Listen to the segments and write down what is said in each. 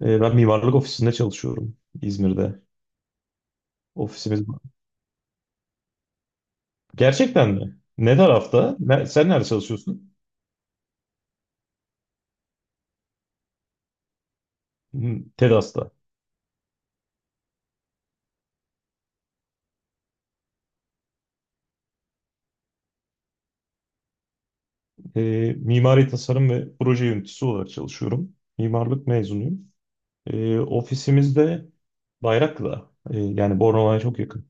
Ben mimarlık ofisinde çalışıyorum İzmir'de. Ofisimiz var. Gerçekten mi? Ne tarafta? Sen nerede çalışıyorsun? Hı, TEDAS'ta. Mimari tasarım ve proje yöneticisi olarak çalışıyorum. Mimarlık mezunuyum. Ofisimiz de Bayraklı'da. Yani Bornova'ya çok yakın.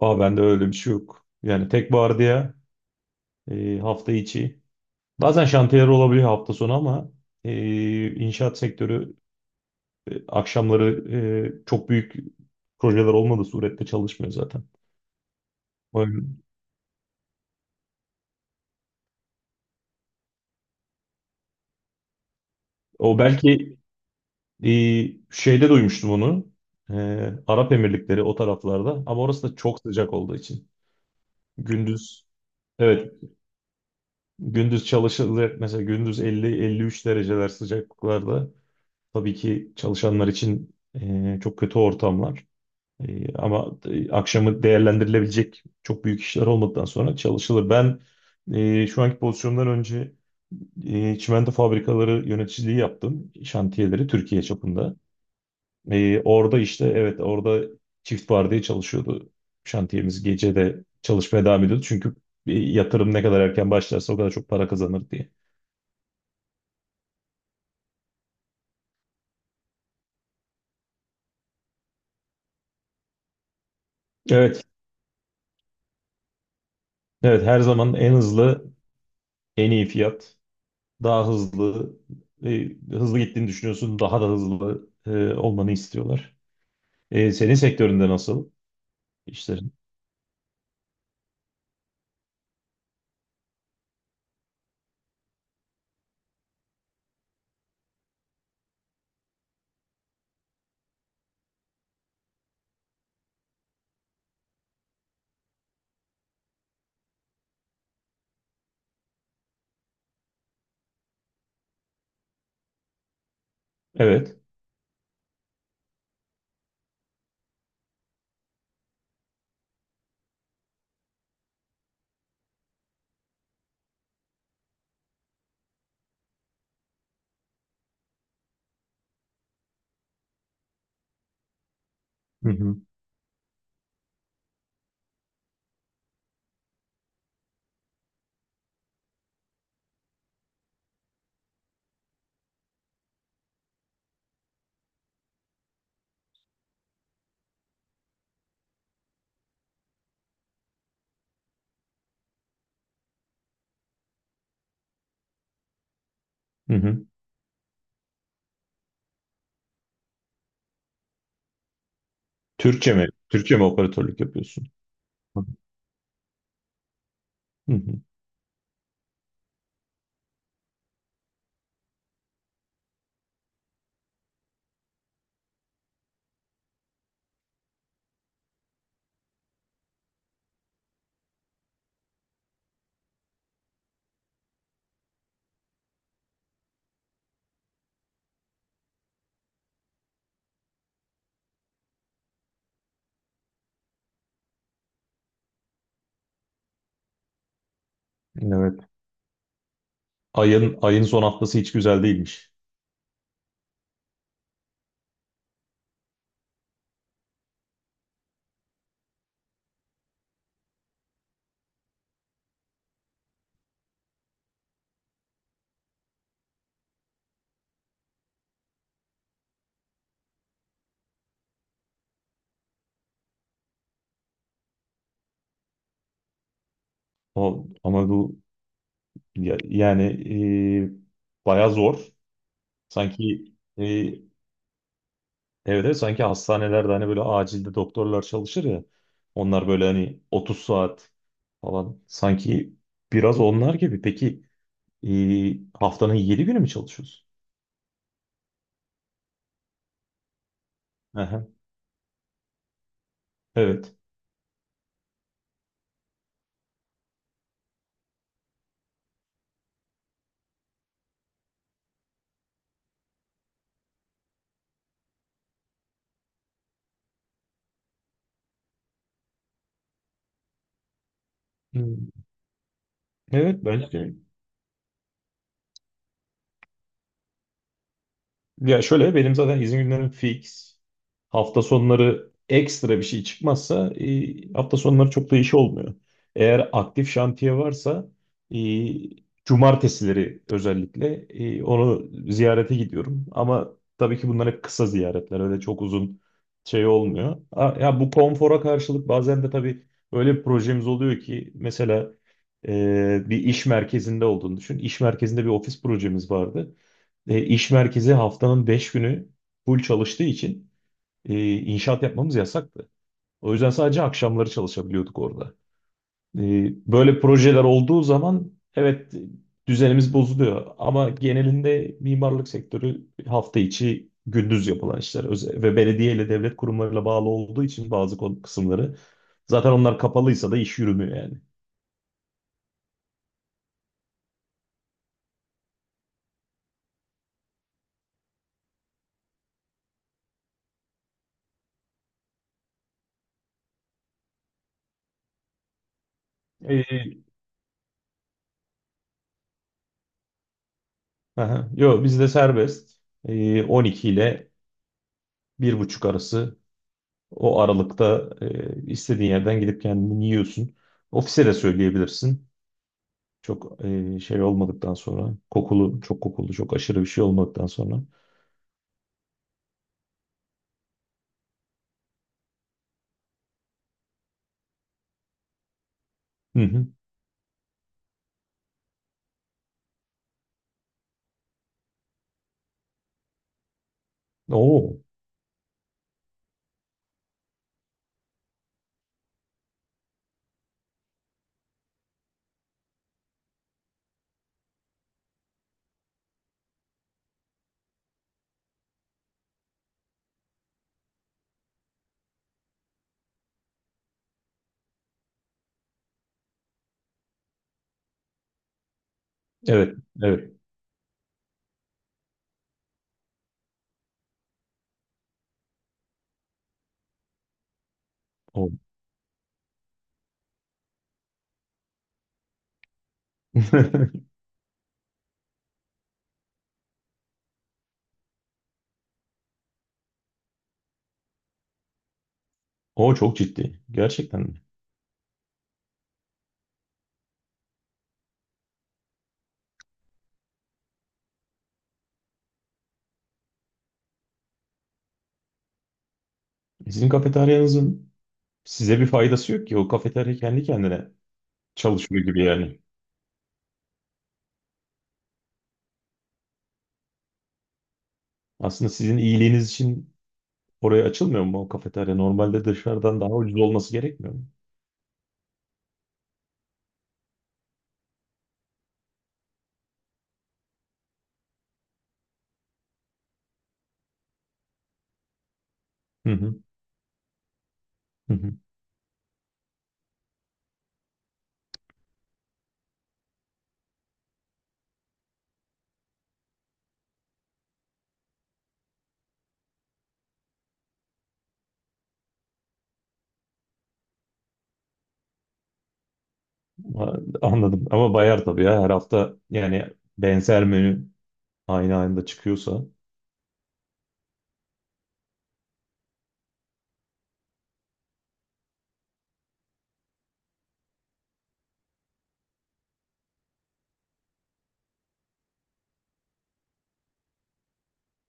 Aa, bende öyle bir şey yok. Yani tek vardiya hafta içi. Bazen şantiyeler olabiliyor hafta sonu ama inşaat sektörü akşamları çok büyük projeler olmadığı surette çalışmıyor zaten. O, o belki e, şeyde duymuştum onu. E, Arap Emirlikleri o taraflarda ama orası da çok sıcak olduğu için. Gündüz evet gündüz çalışılır, mesela gündüz 50-53 dereceler sıcaklıklarda tabii ki çalışanlar için çok kötü ortamlar. Ama akşamı değerlendirilebilecek çok büyük işler olmadıktan sonra çalışılır. Ben şu anki pozisyondan önce çimento fabrikaları yöneticiliği yaptım. Şantiyeleri Türkiye çapında. Orada işte evet orada çift vardiya çalışıyordu. Şantiyemiz gece de çalışmaya devam ediyordu. Çünkü yatırım ne kadar erken başlarsa o kadar çok para kazanır diye. Evet, evet, her zaman en hızlı, en iyi fiyat, daha hızlı, e, hızlı gittiğini düşünüyorsun, daha da hızlı olmanı istiyorlar. Senin sektöründe nasıl işlerin? Evet. Hı hı. Hı hı. Türkçe mi? Türkçe mi operatörlük yapıyorsun? Hı hı. Evet. Ayın son haftası hiç güzel değilmiş. O ama bu yani bayağı zor. Sanki e, evet, evet, sanki hastanelerde, hani böyle acilde doktorlar çalışır ya. Onlar böyle hani 30 saat falan, sanki biraz onlar gibi. Peki e, haftanın 7 günü mü çalışıyorsun? Aha, evet. Hı. Evet, bence de. Ya şöyle, benim zaten izin günlerim fix. Hafta sonları ekstra bir şey çıkmazsa hafta sonları çok da iş olmuyor. Eğer aktif şantiye varsa e, cumartesileri özellikle onu ziyarete gidiyorum. Ama tabii ki bunlar hep kısa ziyaretler, öyle çok uzun şey olmuyor. Ya, bu konfora karşılık bazen de tabii öyle bir projemiz oluyor ki, mesela bir iş merkezinde olduğunu düşün. İş merkezinde bir ofis projemiz vardı. İş merkezi haftanın 5 günü full çalıştığı için inşaat yapmamız yasaktı. O yüzden sadece akşamları çalışabiliyorduk orada. Böyle projeler olduğu zaman evet düzenimiz bozuluyor, ama genelinde mimarlık sektörü hafta içi gündüz yapılan işler, ve belediye ile devlet kurumlarıyla bağlı olduğu için bazı kısımları zaten onlar kapalıysa da iş yürümüyor yani. Ee, aha, yo, bizde serbest. 12 ile bir buçuk arası. O aralıkta istediğin yerden gidip kendini yiyorsun. Ofise de söyleyebilirsin. Çok şey olmadıktan sonra, kokulu, çok kokulu, çok aşırı bir şey olmadıktan sonra. Hı hı. Oo. Evet, evet. O. O çok ciddi. Gerçekten mi? Sizin kafeteryanızın size bir faydası yok ki. O kafeterya kendi kendine çalışıyor gibi yani. Aslında sizin iyiliğiniz için oraya açılmıyor mu o kafeterya? Normalde dışarıdan daha ucuz olması gerekmiyor mu? Hı hı. Hı hı. Ha, anladım. Ama bayar tabii ya. Her hafta yani benzer menü aynı anda çıkıyorsa.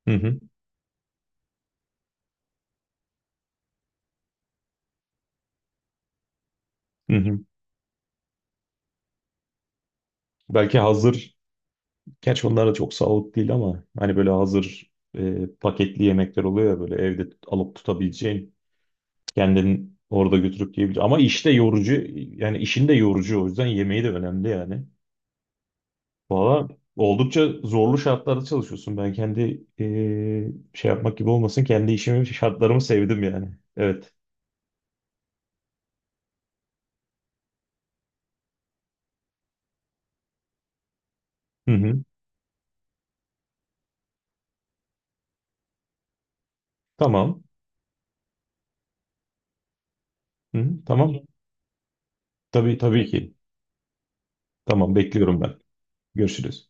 Hı hı. Hı hı. Belki hazır, gerçi onlar da çok sağlıklı değil ama, hani böyle hazır paketli yemekler oluyor ya, böyle evde alıp tutabileceğin, kendin orada götürüp yiyebileceğin. Ama işte yorucu, yani işin de yorucu, o yüzden yemeği de önemli yani. Valla oldukça zorlu şartlarda çalışıyorsun. Ben kendi şey yapmak gibi olmasın, kendi işimi, şartlarımı sevdim yani. Evet. Hı hı. Tamam. Hı, tamam. Tabii, tabii ki. Tamam, bekliyorum ben. Görüşürüz.